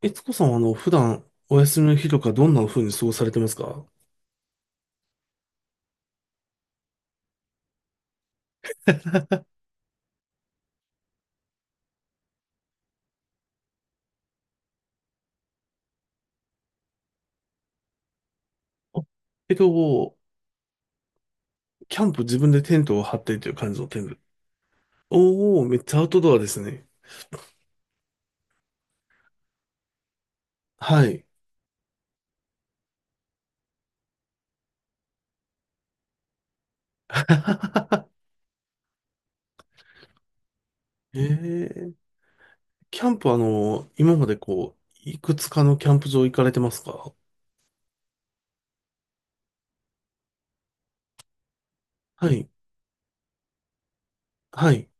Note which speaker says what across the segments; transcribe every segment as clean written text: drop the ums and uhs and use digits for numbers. Speaker 1: えつこさんは、普段、お休みの日とか、どんな風に過ごされてますか？あえっと、キャンプ、自分でテントを張ってという感じのテント。おー、めっちゃアウトドアですね。はい。えー、キャンプ、今までいくつかのキャンプ場行かれてますか？はい。はい。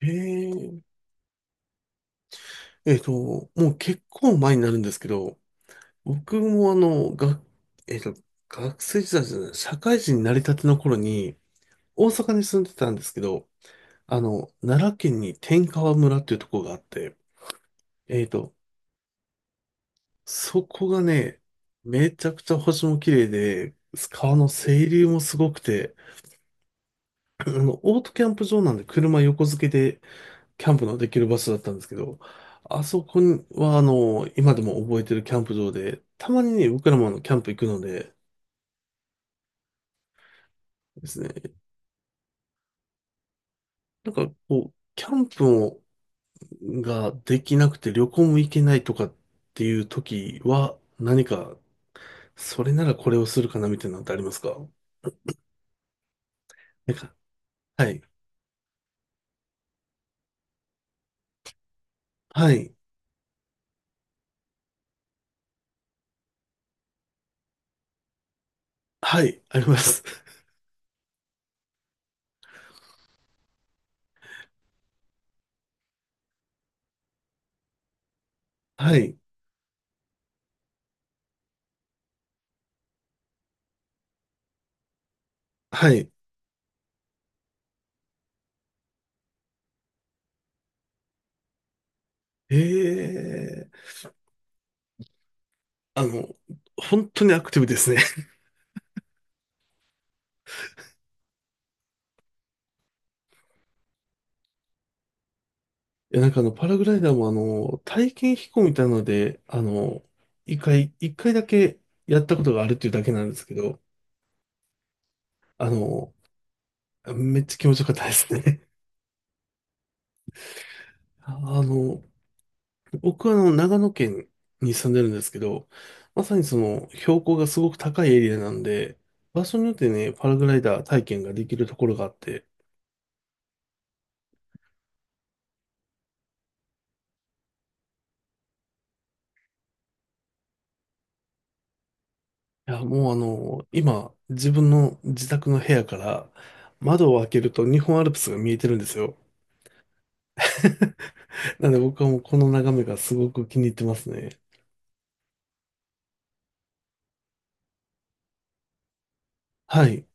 Speaker 1: えー、もう結構前になるんですけど、僕もあの、が、えっと、学生時代じゃない、社会人になりたての頃に、大阪に住んでたんですけど、奈良県に天川村っていうところがあって、えーと、そこがね、めちゃくちゃ星も綺麗で、川の清流もすごくて、オートキャンプ場なんで車横付けでキャンプのできる場所だったんですけど、あそこには今でも覚えてるキャンプ場で、たまにね、僕らもキャンプ行くのでですね、なんかキャンプができなくて旅行も行けないとかっていう時は、何かそれならこれをするかなみたいなのってありますか？なんか、はい。はい。はい。あります。はい。はい。ええ。あの、本当にアクティブですね。いや、なんかパラグライダーも体験飛行みたいなので、一回だけやったことがあるっていうだけなんですけど、あの、めっちゃ気持ちよかったですね。あの、僕は長野県に住んでるんですけど、まさにその標高がすごく高いエリアなんで、場所によってね、パラグライダー体験ができるところがあって、いや、もう今、自分の自宅の部屋から窓を開けると日本アルプスが見えてるんですよ。なので僕はもうこの眺めがすごく気に入ってますね。はい。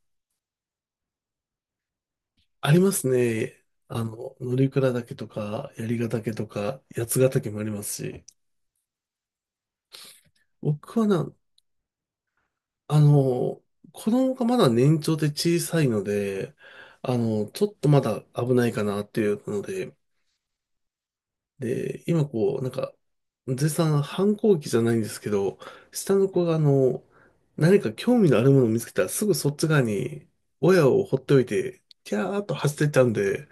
Speaker 1: ありますね。乗鞍岳とか、槍ヶ岳とか、八ヶ岳もありますし、僕はな、あの、子供がまだ年長で小さいので、ちょっとまだ危ないかなっていうので、で、今なんか、絶賛反抗期じゃないんですけど、下の子が何か興味のあるものを見つけたらすぐそっち側に親を放っておいて、キャーっと走ってっちゃうんで、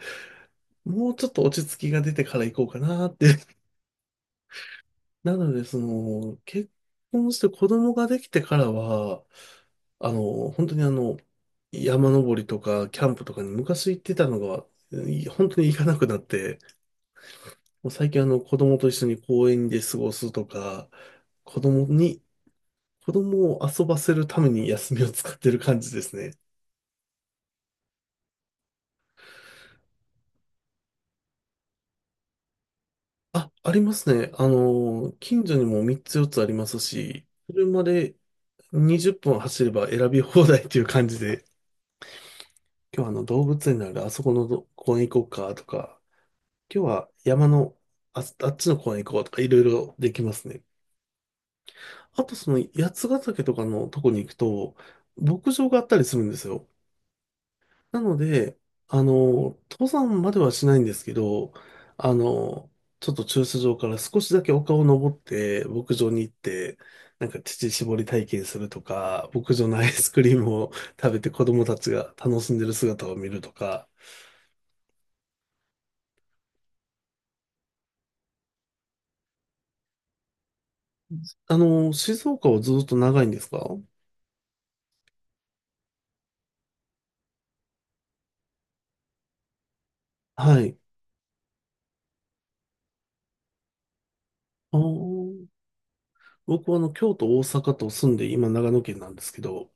Speaker 1: もうちょっと落ち着きが出てから行こうかなって。なので、結婚して子供ができてからは、本当に山登りとか、キャンプとかに昔行ってたのが、本当に行かなくなって、もう最近子供と一緒に公園で過ごすとか、子供に、子供を遊ばせるために休みを使ってる感じですね。あ、ありますね。近所にも3つ4つありますし、車で20分走れば選び放題っていう感じで、今日動物園ならあそこの公園行こうかとか、今日は山のあ、あっちの方に行こうとかいろいろできますね。あとその八ヶ岳とかのとこに行くと牧場があったりするんですよ。なので、登山まではしないんですけど、あの、ちょっと駐車場から少しだけ丘を登って牧場に行って、なんか乳搾り体験するとか、牧場のアイスクリームを食べて子供たちが楽しんでる姿を見るとか、静岡はずっと長いんですか？はい。あー。僕は京都、大阪と住んで、今長野県なんですけど、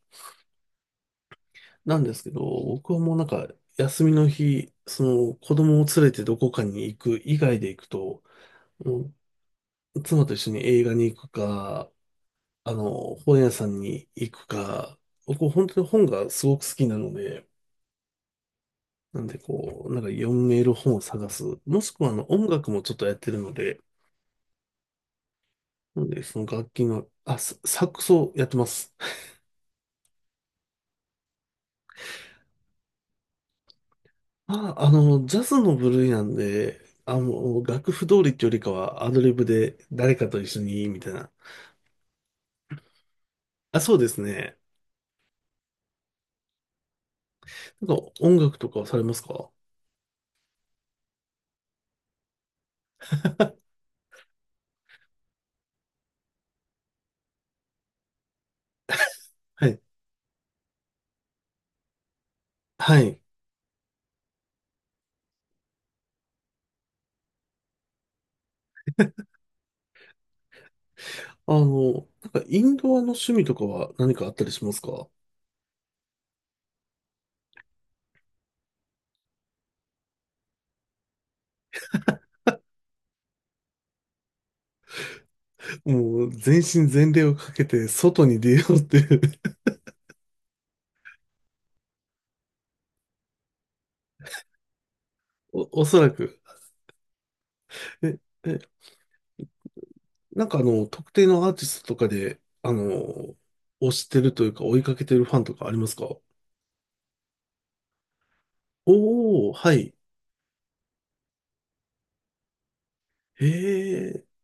Speaker 1: 僕はもうなんか、休みの日、その、子供を連れてどこかに行く以外で行くと、もう妻と一緒に映画に行くか、本屋さんに行くか、僕本当に本がすごく好きなので、なんでなんか読める本を探す。もしくは音楽もちょっとやってるので、なんでその楽器の、あ、サックスをやってます。あ、ジャズの部類なんで、楽譜通りってよりかはアドリブで誰かと一緒に、みたいな。あ、そうですね。なんか音楽とかはされますか？はい。はい。なんかインドアの趣味とかは何かあったりしますか？もう全身全霊をかけて外に出ようっていう おそらく。え、え、なんか特定のアーティストとかで、推してるというか追いかけてるファンとかありますか？おー、はい。へえ。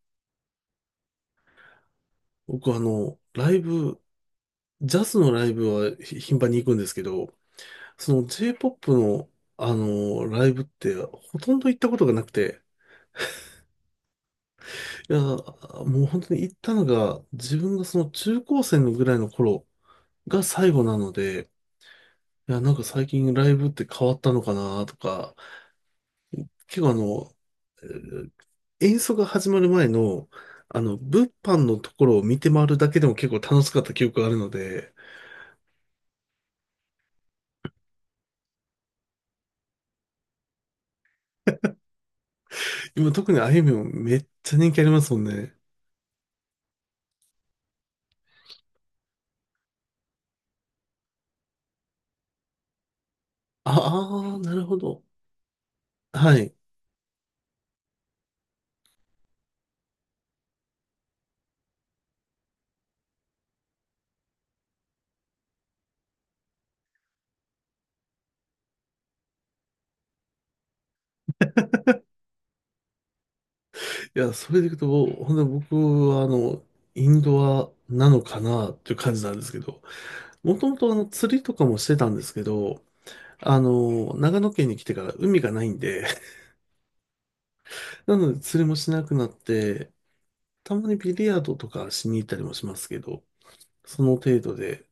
Speaker 1: 僕ライブ、ジャズのライブは頻繁に行くんですけど、その J-POP のライブってほとんど行ったことがなくて、いや、もう本当に行ったのが自分がその中高生のぐらいの頃が最後なので、いや、なんか最近ライブって変わったのかなとか、結構えー演奏が始まる前の、物販のところを見て回るだけでも結構楽しかった記憶があるので、今特にあいみょんめっちゃ人気ありますもんね。ああー、なるほど。はい。いや、それでいくと、ほんで僕はインドアなのかなっていう感じなんですけど、もともと釣りとかもしてたんですけど、長野県に来てから海がないんで、なので釣りもしなくなって、たまにビリヤードとかしに行ったりもしますけど、その程度で、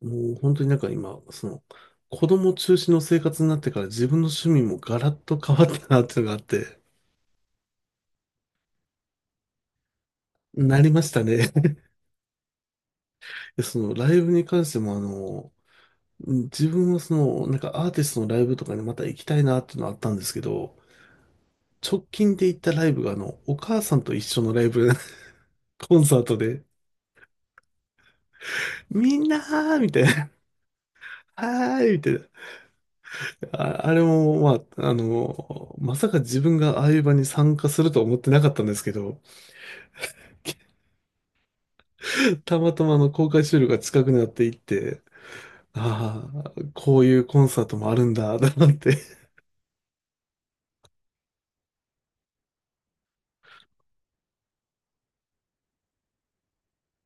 Speaker 1: もう本当になんか今、その、子供中心の生活になってから自分の趣味もガラッと変わったなっていうのがあって、なりましたね。そのライブに関しても自分はなんかアーティストのライブとかにまた行きたいなっていうのはあったんですけど、直近で行ったライブがお母さんと一緒のライブ、コンサートで、みんなーみたいな、はーいみたいな。あ、あれも、まあ、まさか自分がああいう場に参加するとは思ってなかったんですけど、たまたまあの公開収録が近くなっていって、ああ、こういうコンサートもあるんだ、と思って